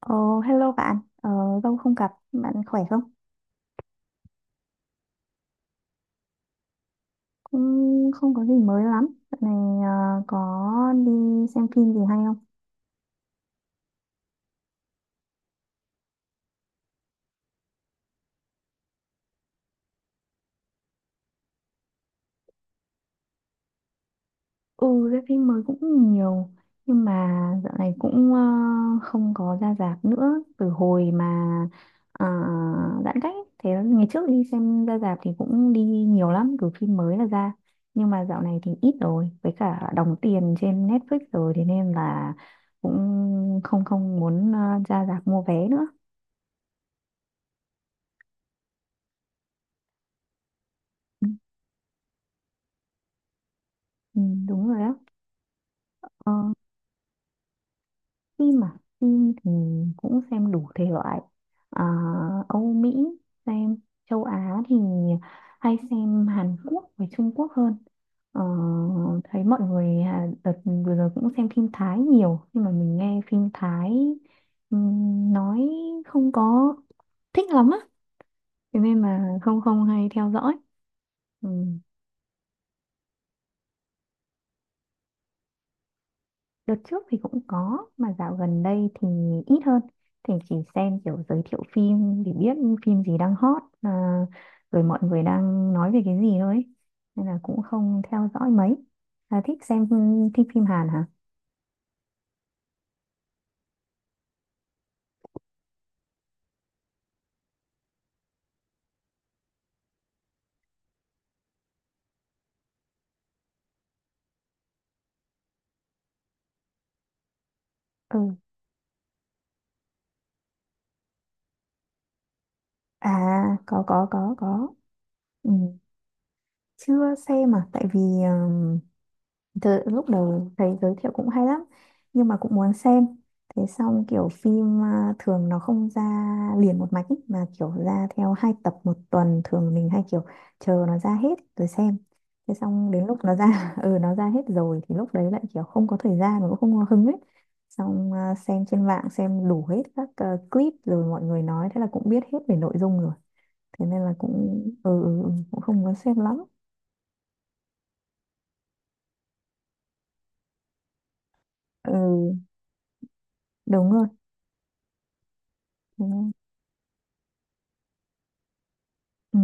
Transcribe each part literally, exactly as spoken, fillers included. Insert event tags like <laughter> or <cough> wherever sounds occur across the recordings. Ờ, hello bạn, ờ, lâu không gặp, bạn khỏe không? Cũng không có gì mới lắm. Dạo này ờ, có đi xem phim gì hay không? Ừ, ra phim mới cũng nhiều, nhưng mà dạo này cũng ờ, không có ra rạp nữa. Từ hồi mà ờ, giãn cách, ấy. Thế ngày trước đi xem ra rạp thì cũng đi nhiều lắm, cứ phim mới là ra. Nhưng mà dạo này thì ít rồi, với cả đóng tiền trên Netflix rồi, thế nên là cũng không không muốn ờ, ra rạp mua vé nữa. Ừ, đúng rồi đó. Phim mà phim thì mình cũng xem đủ thể loại, à, Âu Mỹ, xem châu Á thì hay xem Hàn Quốc với Trung Quốc hơn. Ờ, Thấy mọi người à, đợt vừa rồi cũng xem phim Thái nhiều, nhưng mà mình nghe phim Thái ừm, nói không có thích lắm á, thế nên mà không không hay theo dõi. Ừ. Đợt trước thì cũng có, mà dạo gần đây thì ít hơn, thì chỉ xem kiểu giới thiệu phim để biết phim gì đang hot à, rồi mọi người đang nói về cái gì thôi ấy. Nên là cũng không theo dõi mấy. À, thích xem thích phim Hàn hả? Ừ. À, có có có có. Ừ. Chưa xem à, tại vì ờ, từ lúc đầu thấy giới thiệu cũng hay lắm nhưng mà cũng muốn xem. Thế xong kiểu phim à, thường nó không ra liền một mạch ý, mà kiểu ra theo hai tập một tuần, thường mình hay kiểu chờ nó ra hết rồi xem. Thế xong đến lúc nó ra <laughs> ừ, nó ra hết rồi thì lúc đấy lại kiểu không có thời gian mà cũng không có hứng ấy. Xong à, xem trên mạng, xem đủ hết các ờ, clip, rồi mọi người nói, thế là cũng biết hết về nội dung rồi. Thế nên là cũng ừ, ừ, ừ, cũng không có xem lắm. Ừ, đúng rồi. Ừ. Ừ.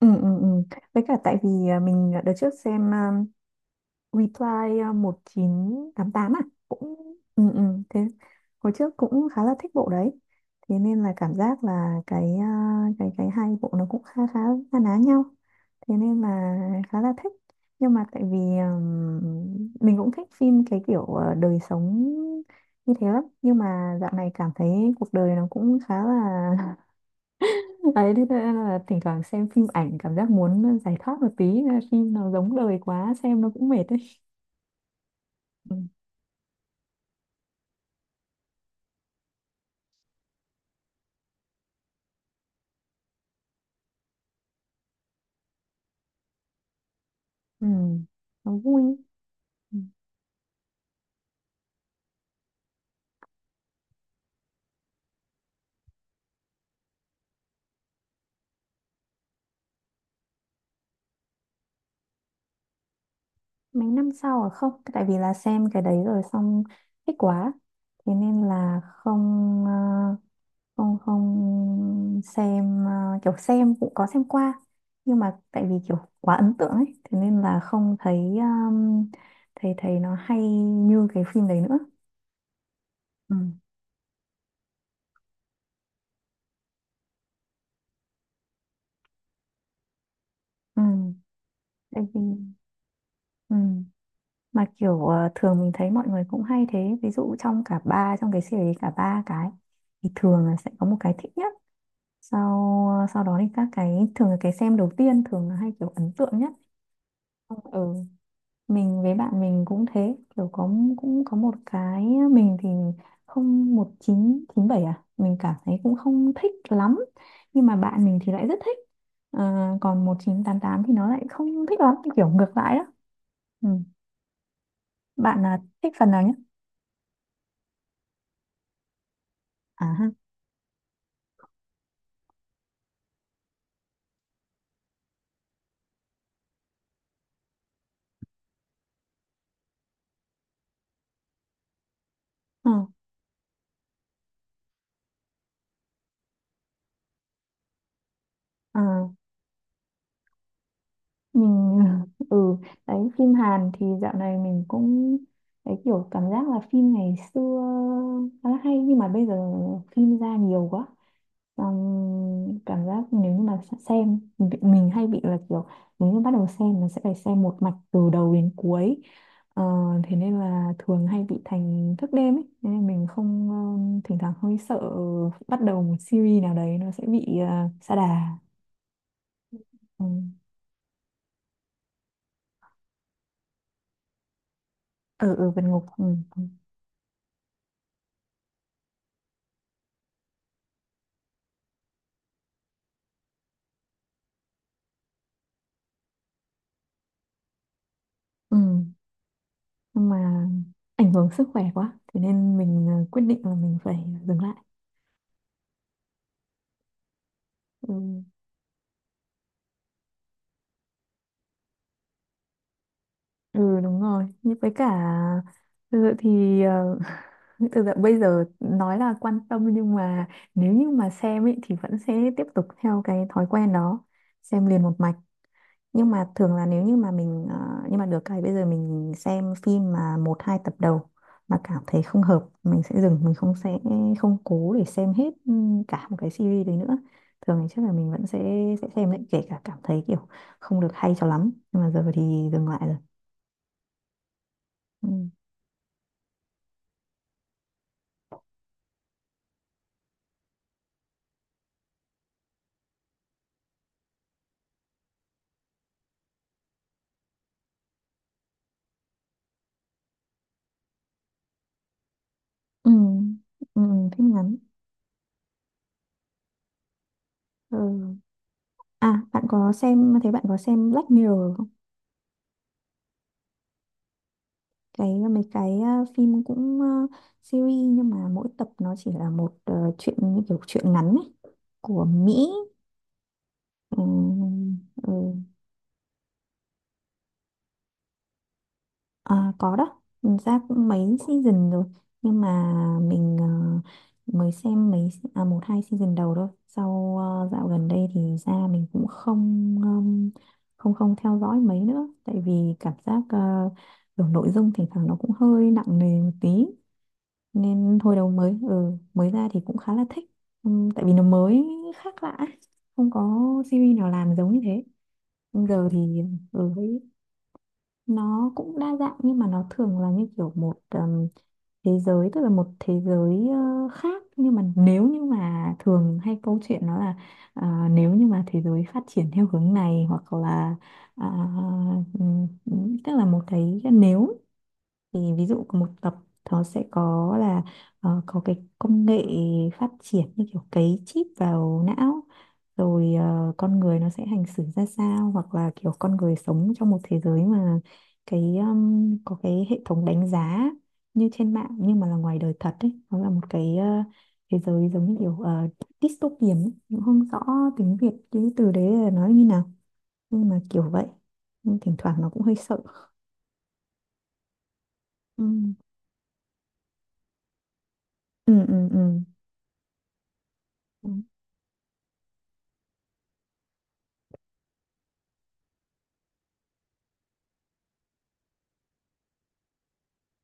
Ừ, ừ, ừ. Với cả tại vì à, mình đợt trước xem um, Reply à, một chín tám tám à, cũng ừ, ừ. Thế hồi trước cũng khá là thích bộ đấy, thế nên là cảm giác là cái à, cái cái hai bộ nó cũng khá khá na ná nhau, thế nên là khá là thích. Nhưng mà tại vì um, mình cũng thích phim cái kiểu ờ, đời sống như thế lắm, nhưng mà dạo này cảm thấy cuộc đời nó cũng khá là <laughs> đấy, thế nên là thỉnh thoảng xem phim ảnh cảm giác muốn giải thoát một tí, nên là phim nó giống đời quá xem nó cũng mệt đấy. Ừ. Ừ. Nó vui. Ừ. Mấy năm sau à, không, tại vì là xem cái đấy rồi xong thích quá, thế nên là không ờ, không không xem, ờ, kiểu xem cũng có xem qua, nhưng mà tại vì kiểu quá ấn tượng ấy, thế nên là không thấy um, thấy thấy nó hay như cái phim đấy nữa. Ừ. Ừ. Tại vì ừ. Mà kiểu ờ, thường mình thấy mọi người cũng hay thế, ví dụ trong cả ba, trong cái series cả ba cái, thì thường là sẽ có một cái thích nhất, sau sau đó thì các cái thường là cái xem đầu tiên thường là hay, kiểu ấn tượng nhất. Ừ. Mình với bạn mình cũng thế, kiểu có cũng có một cái, mình thì không, một chín chín bảy à mình cảm thấy cũng không thích lắm, nhưng mà bạn mình thì lại rất thích. Ờ, Còn một chín tám tám thì nó lại không thích lắm, kiểu ngược lại đó. Ừ. Bạn là thích phần nào nhất? À ha. Ờ, ờ, mình <laughs> ừ, đấy phim Hàn thì dạo này mình cũng đấy, kiểu cảm giác là phim ngày xưa khá là hay nhưng mà bây giờ phim ra nhiều quá, xong cảm giác nếu như mà sẽ xem, mình mình hay bị là kiểu nếu như bắt đầu xem là sẽ phải xem một mạch từ đầu đến cuối. Ờ, Thế nên là thường hay bị thành thức đêm ấy. Thế nên mình không, ờ, thỉnh thoảng hơi sợ bắt đầu một series nào đấy, nó sẽ bị ờ, sa đà. Ừ. Ừ ừ vượt ngục, ừ, ừ, ừ. Nhưng mà ảnh hưởng sức khỏe quá, thế nên mình ờ, quyết định là mình phải dừng lại. Ừ, ừ, đúng rồi. Như với cả, thực sự thì ờ, <laughs> thực sự bây giờ nói là quan tâm, nhưng mà nếu như mà xem ý, thì vẫn sẽ tiếp tục theo cái thói quen đó, xem liền một mạch. Nhưng mà thường là nếu như mà mình ờ, nhưng mà được cái bây giờ mình xem phim mà một hai tập đầu mà cảm thấy không hợp mình sẽ dừng, mình không, sẽ không cố để xem hết ừ, cả một cái series đấy nữa. Thường thì chắc là mình vẫn sẽ sẽ xem lại, kể cả cảm thấy kiểu không được hay cho lắm, nhưng mà giờ thì dừng lại rồi. Ừ. Ừ. Ừ. Phim ngắn. Ừ. À bạn có xem thấy bạn có xem Black Mirror không? Cái mấy cái ờ, phim cũng ờ, series nhưng mà mỗi tập nó chỉ là một ờ, chuyện như kiểu chuyện ngắn ấy, của Mỹ. Ừ, ừ. À, có đó. Mình ra cũng mấy season rồi, nhưng mà mình ờ, mới xem mấy à, một hai season đầu thôi, sau ờ, dạo gần đây thì ra mình cũng không ừm, không không theo dõi mấy nữa, tại vì cảm giác ờ, kiểu nội dung thỉnh thoảng nó cũng hơi nặng nề một tí, nên hồi đầu mới, ừ, mới ra thì cũng khá là thích. Ừm, tại vì nó mới khác lạ ấy. Không có series nào làm giống như thế. Nhưng giờ thì ừ, thấy nó cũng đa dạng, nhưng mà nó thường là như kiểu một ừm, thế giới, tức là một thế giới ờ, khác, nhưng mà nếu như mà thường hay câu chuyện nó là à, nếu như mà thế giới phát triển theo hướng này hoặc là à, ừm, ừm, tức là một cái nếu, thì ví dụ có một tập nó sẽ có là ờ, có cái công nghệ phát triển như kiểu cấy chip vào não, rồi ờ, con người nó sẽ hành xử ra sao, hoặc là kiểu con người sống trong một thế giới mà cái um, có cái hệ thống đánh giá như trên mạng nhưng mà là ngoài đời thật ấy, nó là một cái ờ, thế giới giống như kiểu ờ, dystopian ấy. Cũng không rõ tiếng Việt cái từ đấy là nói như nào, nhưng mà kiểu vậy, nhưng thỉnh thoảng nó cũng hơi sợ. Ừ ừ ừ, ừ.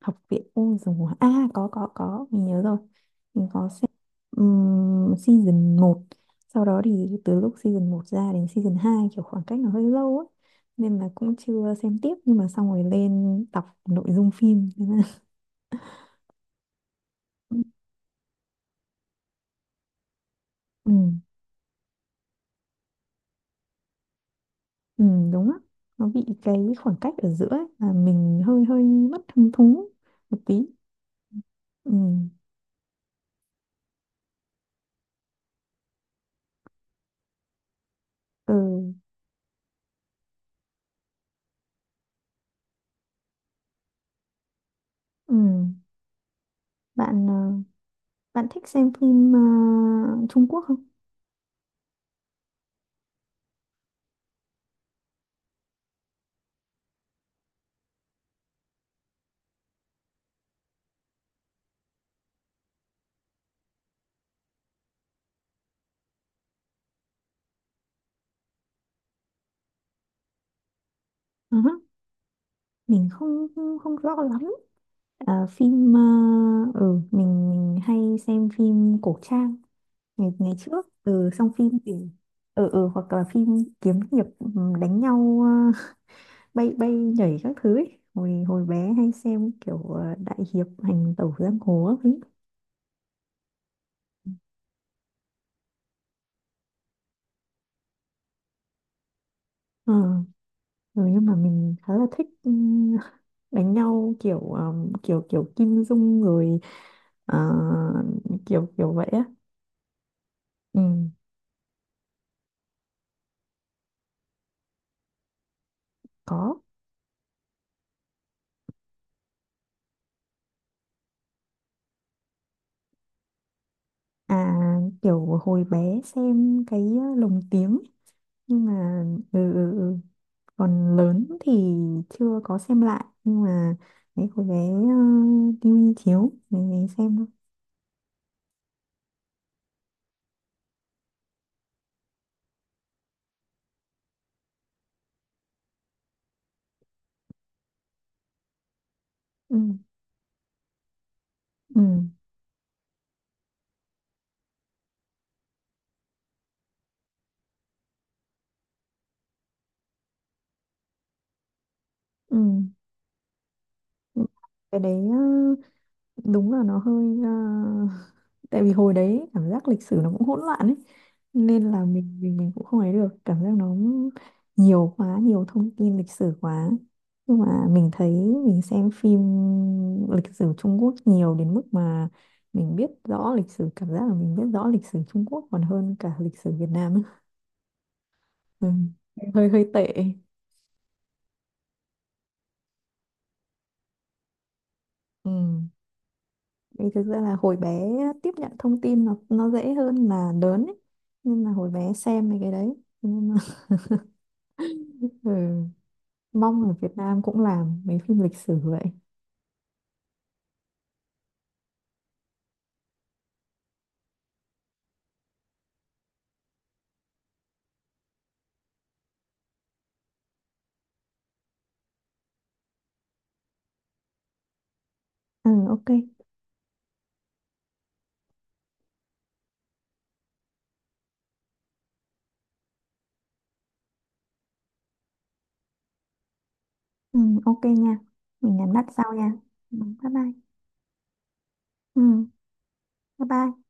Học viện ôi dùng à, có có có mình nhớ rồi, mình có xem ừm, season một. Sau đó thì từ lúc season một ra đến season hai kiểu khoảng cách nó hơi lâu á, nên là cũng chưa xem tiếp, nhưng mà xong rồi lên đọc nội dung phim thế là <laughs> ừ, ừ, đúng á, nó bị cái khoảng cách ở giữa ấy, là mình hơi hơi mất hứng thú một tí. Ừ ừ, ừ. Bạn, ờ, bạn thích xem phim ờ, Trung Quốc không? Mình không không, không rõ lắm. À, phim uh, ừ mình mình hay xem phim cổ trang ngày ngày trước, ừ, xong phim thì ừ ừ hoặc là phim kiếm hiệp, ừ, đánh nhau ờ, <laughs> bay bay nhảy các thứ ấy. Hồi hồi bé hay xem kiểu ờ, đại hiệp hành tẩu giang hồ ấy. Ờ, ừ, nhưng mà mình khá là thích ừ, đánh nhau kiểu ờ, kiểu kiểu Kim Dung rồi, ờ, kiểu kiểu vậy á. Ừ, có. À, kiểu hồi bé xem cái ờ, lồng tiếng, nhưng mà ừ, ừ, ừ. Còn lớn thì chưa có xem lại, nhưng mà đấy hồi bé uh, tivi chiếu thì mình xem thôi. Ừ, ừ, ừ. Cái đấy ờ, đúng là nó hơi ờ, tại vì hồi đấy cảm giác lịch sử nó cũng hỗn loạn ấy, nên là mình mình mình cũng không ấy được cảm giác nó nhiều quá, nhiều thông tin lịch sử quá, nhưng mà mình thấy mình xem phim lịch sử Trung Quốc nhiều đến mức mà mình biết rõ lịch sử, cảm giác là mình biết rõ lịch sử Trung Quốc còn hơn cả lịch sử Việt Nam ấy. Ừ. Hơi hơi tệ. Ừ. Vì thực ra là hồi bé tiếp nhận thông tin nó nó dễ hơn là lớn ấy. Nên là hồi bé xem mấy cái đấy. Nhưng mà <laughs> ừ, mong ở Việt Nam cũng làm mấy phim lịch sử vậy. Ừ, ok. Ừ, ok nha. Mình nhắn đặt sau nha. Ừ, Bye bye. Ừ, bye bye.